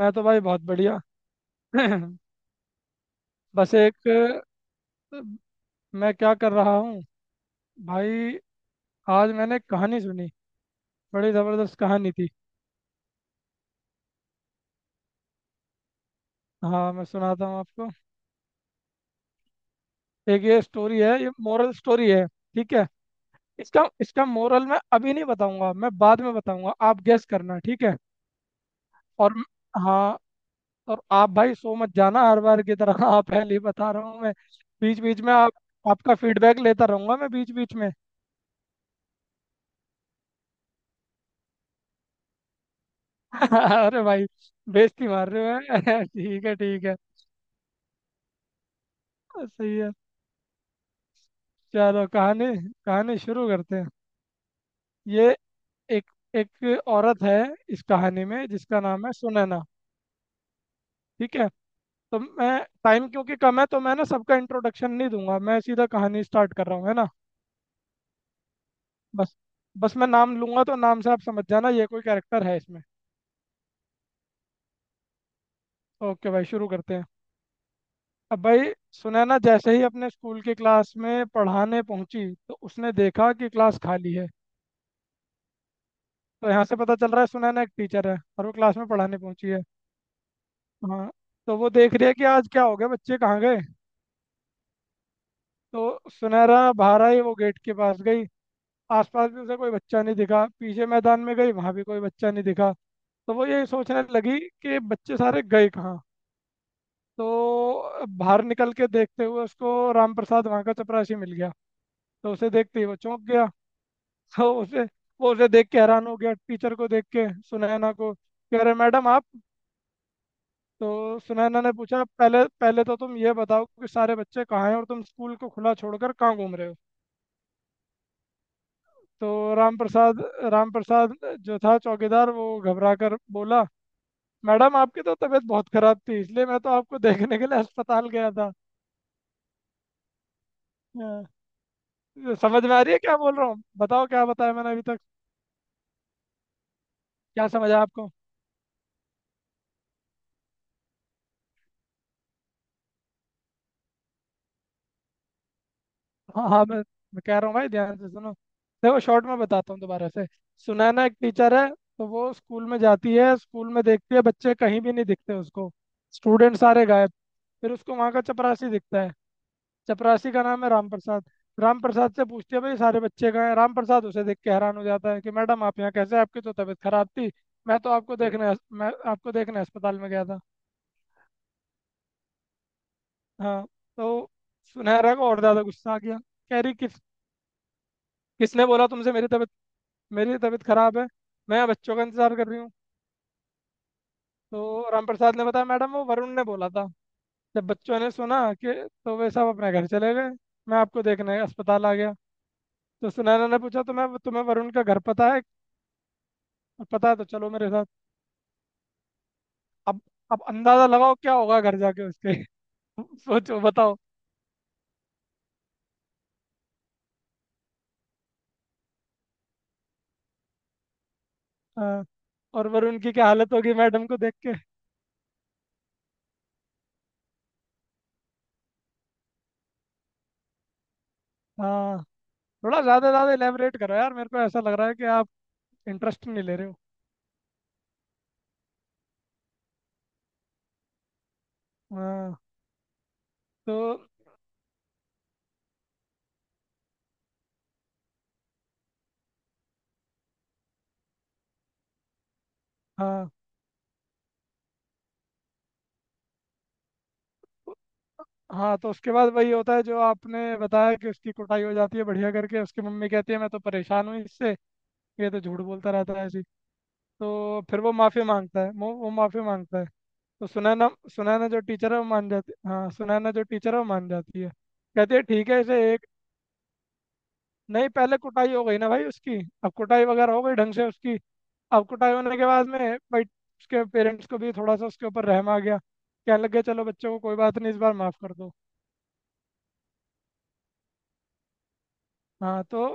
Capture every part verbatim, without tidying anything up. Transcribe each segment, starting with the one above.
मैं तो भाई बहुत बढ़िया। बस एक, अ, मैं क्या कर रहा हूँ भाई। आज मैंने एक कहानी सुनी। बड़ी ज़बरदस्त कहानी थी। हाँ, मैं सुनाता हूँ आपको। एक ये स्टोरी है, ये मोरल स्टोरी है, ठीक है। इसका इसका मोरल मैं अभी नहीं बताऊंगा, मैं बाद में बताऊंगा। आप गेस करना, ठीक है। और म- हाँ। और आप भाई सो मत जाना हर बार की तरह। हाँ, पहले ही बता रहा हूँ मैं। बीच बीच में आप आपका फीडबैक लेता रहूंगा मैं बीच बीच में। अरे भाई, बेइज्जती मार रहे हो? हैं? ठीक है, ठीक है। सही है। चलो, कहानी कहानी शुरू करते हैं। ये एक एक औरत है इस कहानी में, जिसका नाम है सुनैना। ठीक है। तो मैं टाइम क्योंकि कम है, तो मैं ना सबका इंट्रोडक्शन नहीं दूंगा, मैं सीधा कहानी स्टार्ट कर रहा हूँ, है ना। बस बस मैं नाम लूंगा तो नाम से आप समझ जाना ये कोई कैरेक्टर है इसमें। ओके भाई, शुरू करते हैं। अब भाई सुनैना जैसे ही अपने स्कूल की क्लास में पढ़ाने पहुंची तो उसने देखा कि क्लास खाली है। तो यहाँ से पता चल रहा है सुनैना एक टीचर है और वो क्लास में पढ़ाने पहुंची है। हाँ। तो वो देख रही है कि आज क्या हो गया, बच्चे कहाँ गए। तो सुनहरा बहारा ही वो गेट के पास गई, आसपास भी उसे कोई बच्चा नहीं दिखा, पीछे मैदान में गई, वहां भी कोई बच्चा नहीं दिखा। तो वो यही सोचने लगी कि बच्चे सारे गए कहाँ। तो बाहर निकल के देखते हुए उसको राम प्रसाद वहाँ का चपरासी मिल गया। तो उसे देखते ही वो चौंक गया। तो उसे वो उसे देख के हैरान हो गया टीचर को देख के, सुनैना को कह रहे, मैडम आप। तो सुनैना ने पूछा, पहले पहले तो तुम ये बताओ कि सारे बच्चे कहाँ हैं और तुम स्कूल को खुला छोड़कर कहाँ घूम रहे हो। तो राम प्रसाद राम प्रसाद जो था चौकीदार वो घबरा कर बोला, मैडम आपकी तो तबीयत बहुत खराब थी, इसलिए मैं तो आपको देखने के लिए अस्पताल गया था। हाँ, समझ में आ रही है क्या बोल रहा हूँ, बताओ क्या बताया मैंने अभी तक, क्या समझा आपको। हाँ हाँ। मैं मैं कह रहा हूँ भाई, ध्यान से सुनो। देखो, शॉर्ट में बताता हूँ दोबारा से। सुनैना एक टीचर है। तो वो स्कूल में जाती है, स्कूल में देखती है बच्चे कहीं भी नहीं दिखते उसको। स्टूडेंट सारे गायब। फिर उसको वहाँ का चपरासी दिखता है। चपरासी का नाम है राम प्रसाद। राम प्रसाद से पूछती है, भाई सारे बच्चे कहाँ हैं। राम प्रसाद उसे देख के हैरान हो जाता है कि मैडम आप यहाँ कैसे, आपकी तो तबीयत खराब थी। मैं तो आपको देखने हस- मैं आपको देखने अस्पताल में गया था। हाँ। तो सुनहरा को और ज्यादा गुस्सा आ गया। कह रही किस किसने बोला तुमसे मेरी तबीयत, मेरी तो तबीयत खराब है। मैं यहाँ बच्चों का इंतजार कर रही हूँ। तो राम प्रसाद ने बताया, मैडम वो वरुण ने बोला था, जब बच्चों ने सुना कि, तो वे सब अपने घर चले गए। मैं आपको देखने अस्पताल आ गया। तो सुनैना ने पूछा, तो मैं तुम्हें वरुण का घर पता है? पता है तो चलो मेरे साथ। अब अब अंदाजा लगाओ क्या होगा घर जाके उसके। सोचो, बताओ। हाँ। और वरुण की क्या हालत होगी मैडम को देख के। हाँ। थोड़ा ज़्यादा ज़्यादा इलेबरेट करो यार, मेरे को ऐसा लग रहा है कि आप इंटरेस्ट नहीं ले रहे हो। हाँ। तो, हाँ हाँ। तो उसके बाद वही होता है जो आपने बताया, कि उसकी कुटाई हो जाती है बढ़िया करके। उसकी मम्मी कहती है मैं तो परेशान हूँ इससे, ये तो झूठ बोलता रहता है ऐसी। तो फिर वो माफी मांगता है, वो वो माफी मांगता है। तो सुनैना सुनैना जो टीचर है वो मान जाती हाँ, सुनैना जो टीचर है वो मान जाती है। कहती है ठीक है इसे एक, नहीं पहले कुटाई हो गई ना भाई उसकी। अब कुटाई वगैरह हो गई ढंग से उसकी। अब कुटाई होने के बाद में, भाई उसके पेरेंट्स को भी थोड़ा सा उसके ऊपर रहम आ गया। कहने लग गया, चलो बच्चों को कोई बात नहीं, इस बार माफ कर दो। हाँ। तो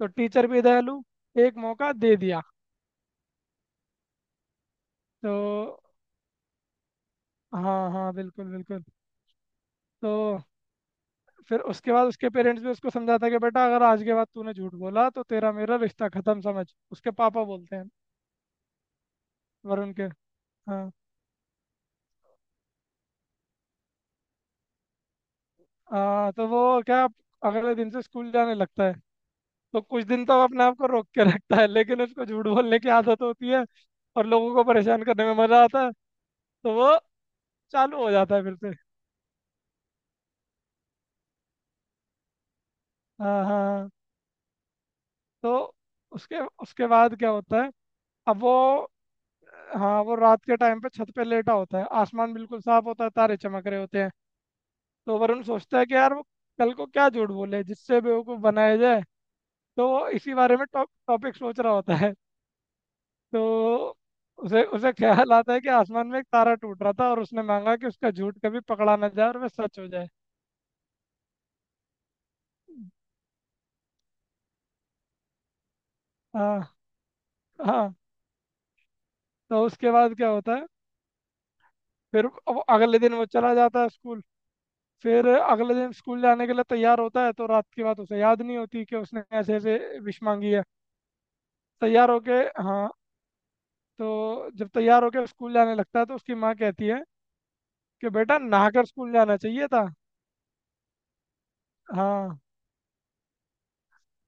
तो टीचर भी दयालु, एक मौका दे दिया। तो, हाँ हाँ, बिल्कुल बिल्कुल। तो फिर उसके बाद उसके पेरेंट्स भी उसको समझाता कि बेटा अगर आज के बाद तूने झूठ बोला तो तेरा मेरा रिश्ता खत्म समझ, उसके पापा बोलते हैं, वरुण के। हाँ। हाँ तो वो क्या अगले दिन से स्कूल जाने लगता है। तो कुछ दिन तो वो अपने आप को रोक के रखता है, लेकिन उसको झूठ बोलने की आदत होती है और लोगों को परेशान करने में मजा आता है। तो वो चालू हो जाता है फिर से। हाँ हाँ हाँ। तो उसके उसके बाद क्या होता है। अब वो हाँ, वो रात के टाइम पे छत पे लेटा होता है, आसमान बिल्कुल साफ होता है, तारे चमक रहे होते हैं। तो वरुण सोचता है कि यार वो कल को क्या झूठ बोले जिससे बेवकूफ़ बनाया जाए। तो वो इसी बारे में टॉप टॉपिक सोच रहा होता है। तो उसे उसे ख्याल आता है कि आसमान में एक तारा टूट रहा था और उसने मांगा कि उसका झूठ कभी पकड़ा ना जाए और वह सच हो जाए। हाँ हाँ। तो उसके बाद क्या होता है। फिर अब अगले दिन वो चला जाता है स्कूल। फिर अगले दिन स्कूल जाने के लिए तैयार होता है तो रात की बात उसे याद नहीं होती कि उसने ऐसे ऐसे विश मांगी है। तैयार होके, हाँ। तो जब तैयार होके स्कूल जाने लगता है तो उसकी माँ कहती है कि बेटा नहाकर स्कूल जाना चाहिए था। हाँ।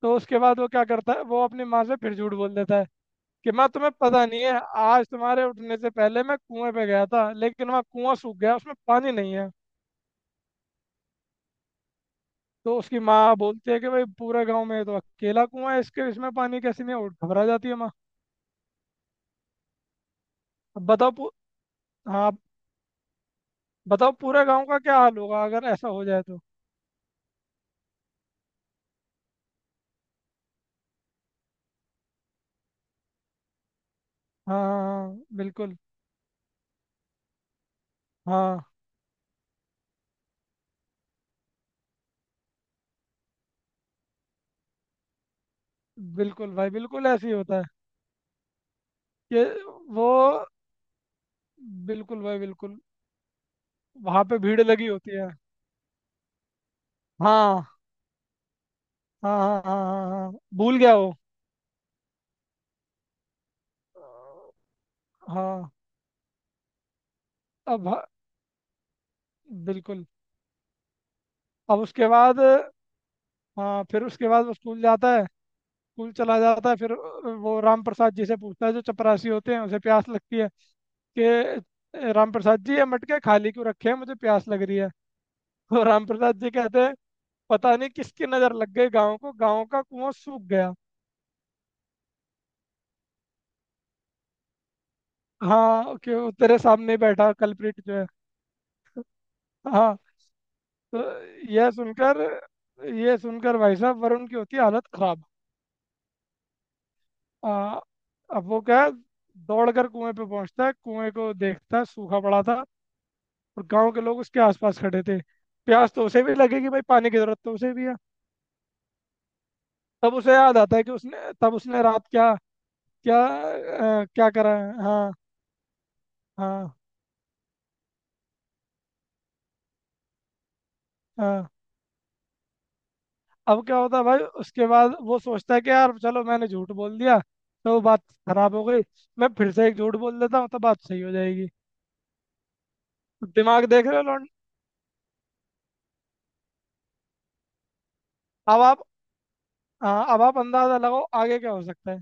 तो उसके बाद वो क्या करता है, वो अपनी माँ से फिर झूठ बोल देता है कि माँ तुम्हें पता नहीं है, आज तुम्हारे उठने से पहले मैं कुएं पे गया था लेकिन वहाँ कुआं सूख गया, उसमें पानी नहीं है। तो उसकी माँ बोलती है कि भाई पूरे गाँव में ये तो अकेला कुआं है, इसके इसमें पानी कैसे नहीं है? और घबरा जाती है माँ। अब बताओ, पू- हाँ। बताओ पूरे गांव का क्या हाल होगा अगर ऐसा हो जाए तो। हाँ हाँ हाँ, बिल्कुल। हाँ, बिल्कुल भाई, बिल्कुल ऐसे ही होता है कि वो, बिल्कुल भाई, बिल्कुल। वहां पे भीड़ लगी होती है। हाँ हाँ हाँ हाँ हाँ हाँ, भूल गया वो। हाँ। अब, ह- बिल्कुल। अब उसके बाद, हाँ, फिर उसके बाद वो स्कूल जाता है। स्कूल चला जाता है फिर। वो राम प्रसाद जी से पूछता है, जो चपरासी होते हैं, उसे प्यास लगती है, कि राम प्रसाद जी ये मटके खाली क्यों रखे हैं, मुझे प्यास लग रही है। तो रामप्रसाद जी कहते हैं, पता नहीं किसकी नजर लग गई गांव को, गांव का कुआं सूख गया। हाँ क्यों, तेरे सामने ही बैठा कल्प्रिट जो है। हाँ। तो यह सुनकर, यह सुनकर भाई साहब वरुण की होती है हालत खराब। आ, अब वो क्या है, दौड़ कर कुएं पे पहुंचता है, कुएं को देखता है, सूखा पड़ा था और गांव के लोग उसके आसपास खड़े थे। प्यास तो उसे भी लगेगी भाई, पानी की जरूरत तो उसे भी है। तब उसे याद आता है कि उसने, तब उसने रात क्या क्या अ, क्या करा है। हाँ हाँ हाँ। अब क्या होता है भाई, उसके बाद वो सोचता है कि यार चलो मैंने झूठ बोल दिया तो बात खराब हो गई, मैं फिर से एक झूठ बोल देता हूँ तो बात सही हो जाएगी। दिमाग देख रहे हो लौंड। अब आप हाँ, अब आप अंदाजा लगाओ आगे क्या हो सकता है।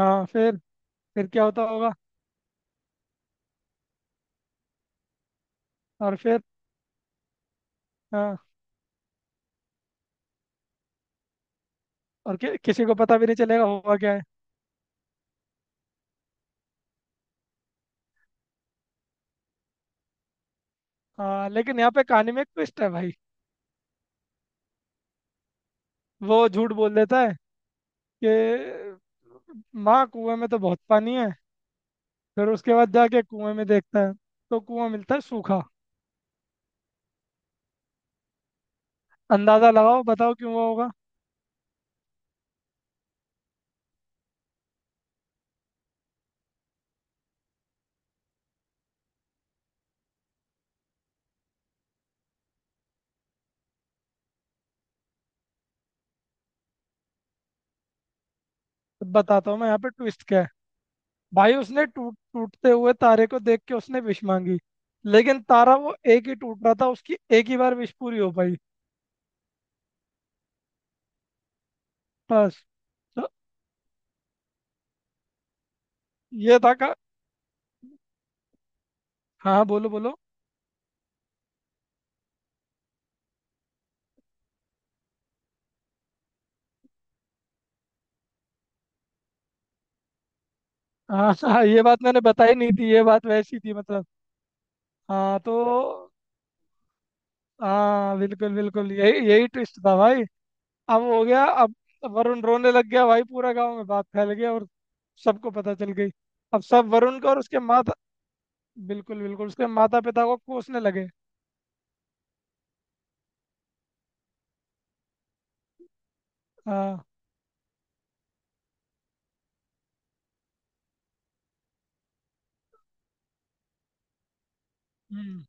हाँ फिर फिर क्या होता होगा। और फिर, हाँ। और कि, किसी को पता भी नहीं चलेगा हुआ क्या है। हाँ, लेकिन यहाँ पे कहानी में एक ट्विस्ट है भाई। वो झूठ बोल देता है कि माँ कुएं में तो बहुत पानी है। फिर उसके बाद जाके कुएं में देखता है तो कुआं मिलता है सूखा। अंदाजा लगाओ, बताओ क्यों हुआ होगा। तो बताता हूँ मैं यहाँ पे ट्विस्ट क्या है भाई। उसने टूट टूटते हुए तारे को देख के उसने विश मांगी, लेकिन तारा वो एक ही टूट रहा था, उसकी एक ही बार विश पूरी हो पाई। बस। तो ये था का। हाँ, बोलो बोलो। हाँ हाँ, ये बात मैंने बताई नहीं थी, ये बात वैसी थी मतलब। हाँ। तो, हाँ बिल्कुल बिल्कुल, यही यही ट्विस्ट था भाई। अब हो गया। अब वरुण रोने लग गया भाई, पूरा गांव में बात फैल गया और सबको पता चल गई। अब सब वरुण को और उसके माता, बिल्कुल बिल्कुल उसके माता पिता को कोसने लगे। हाँ। हम्म।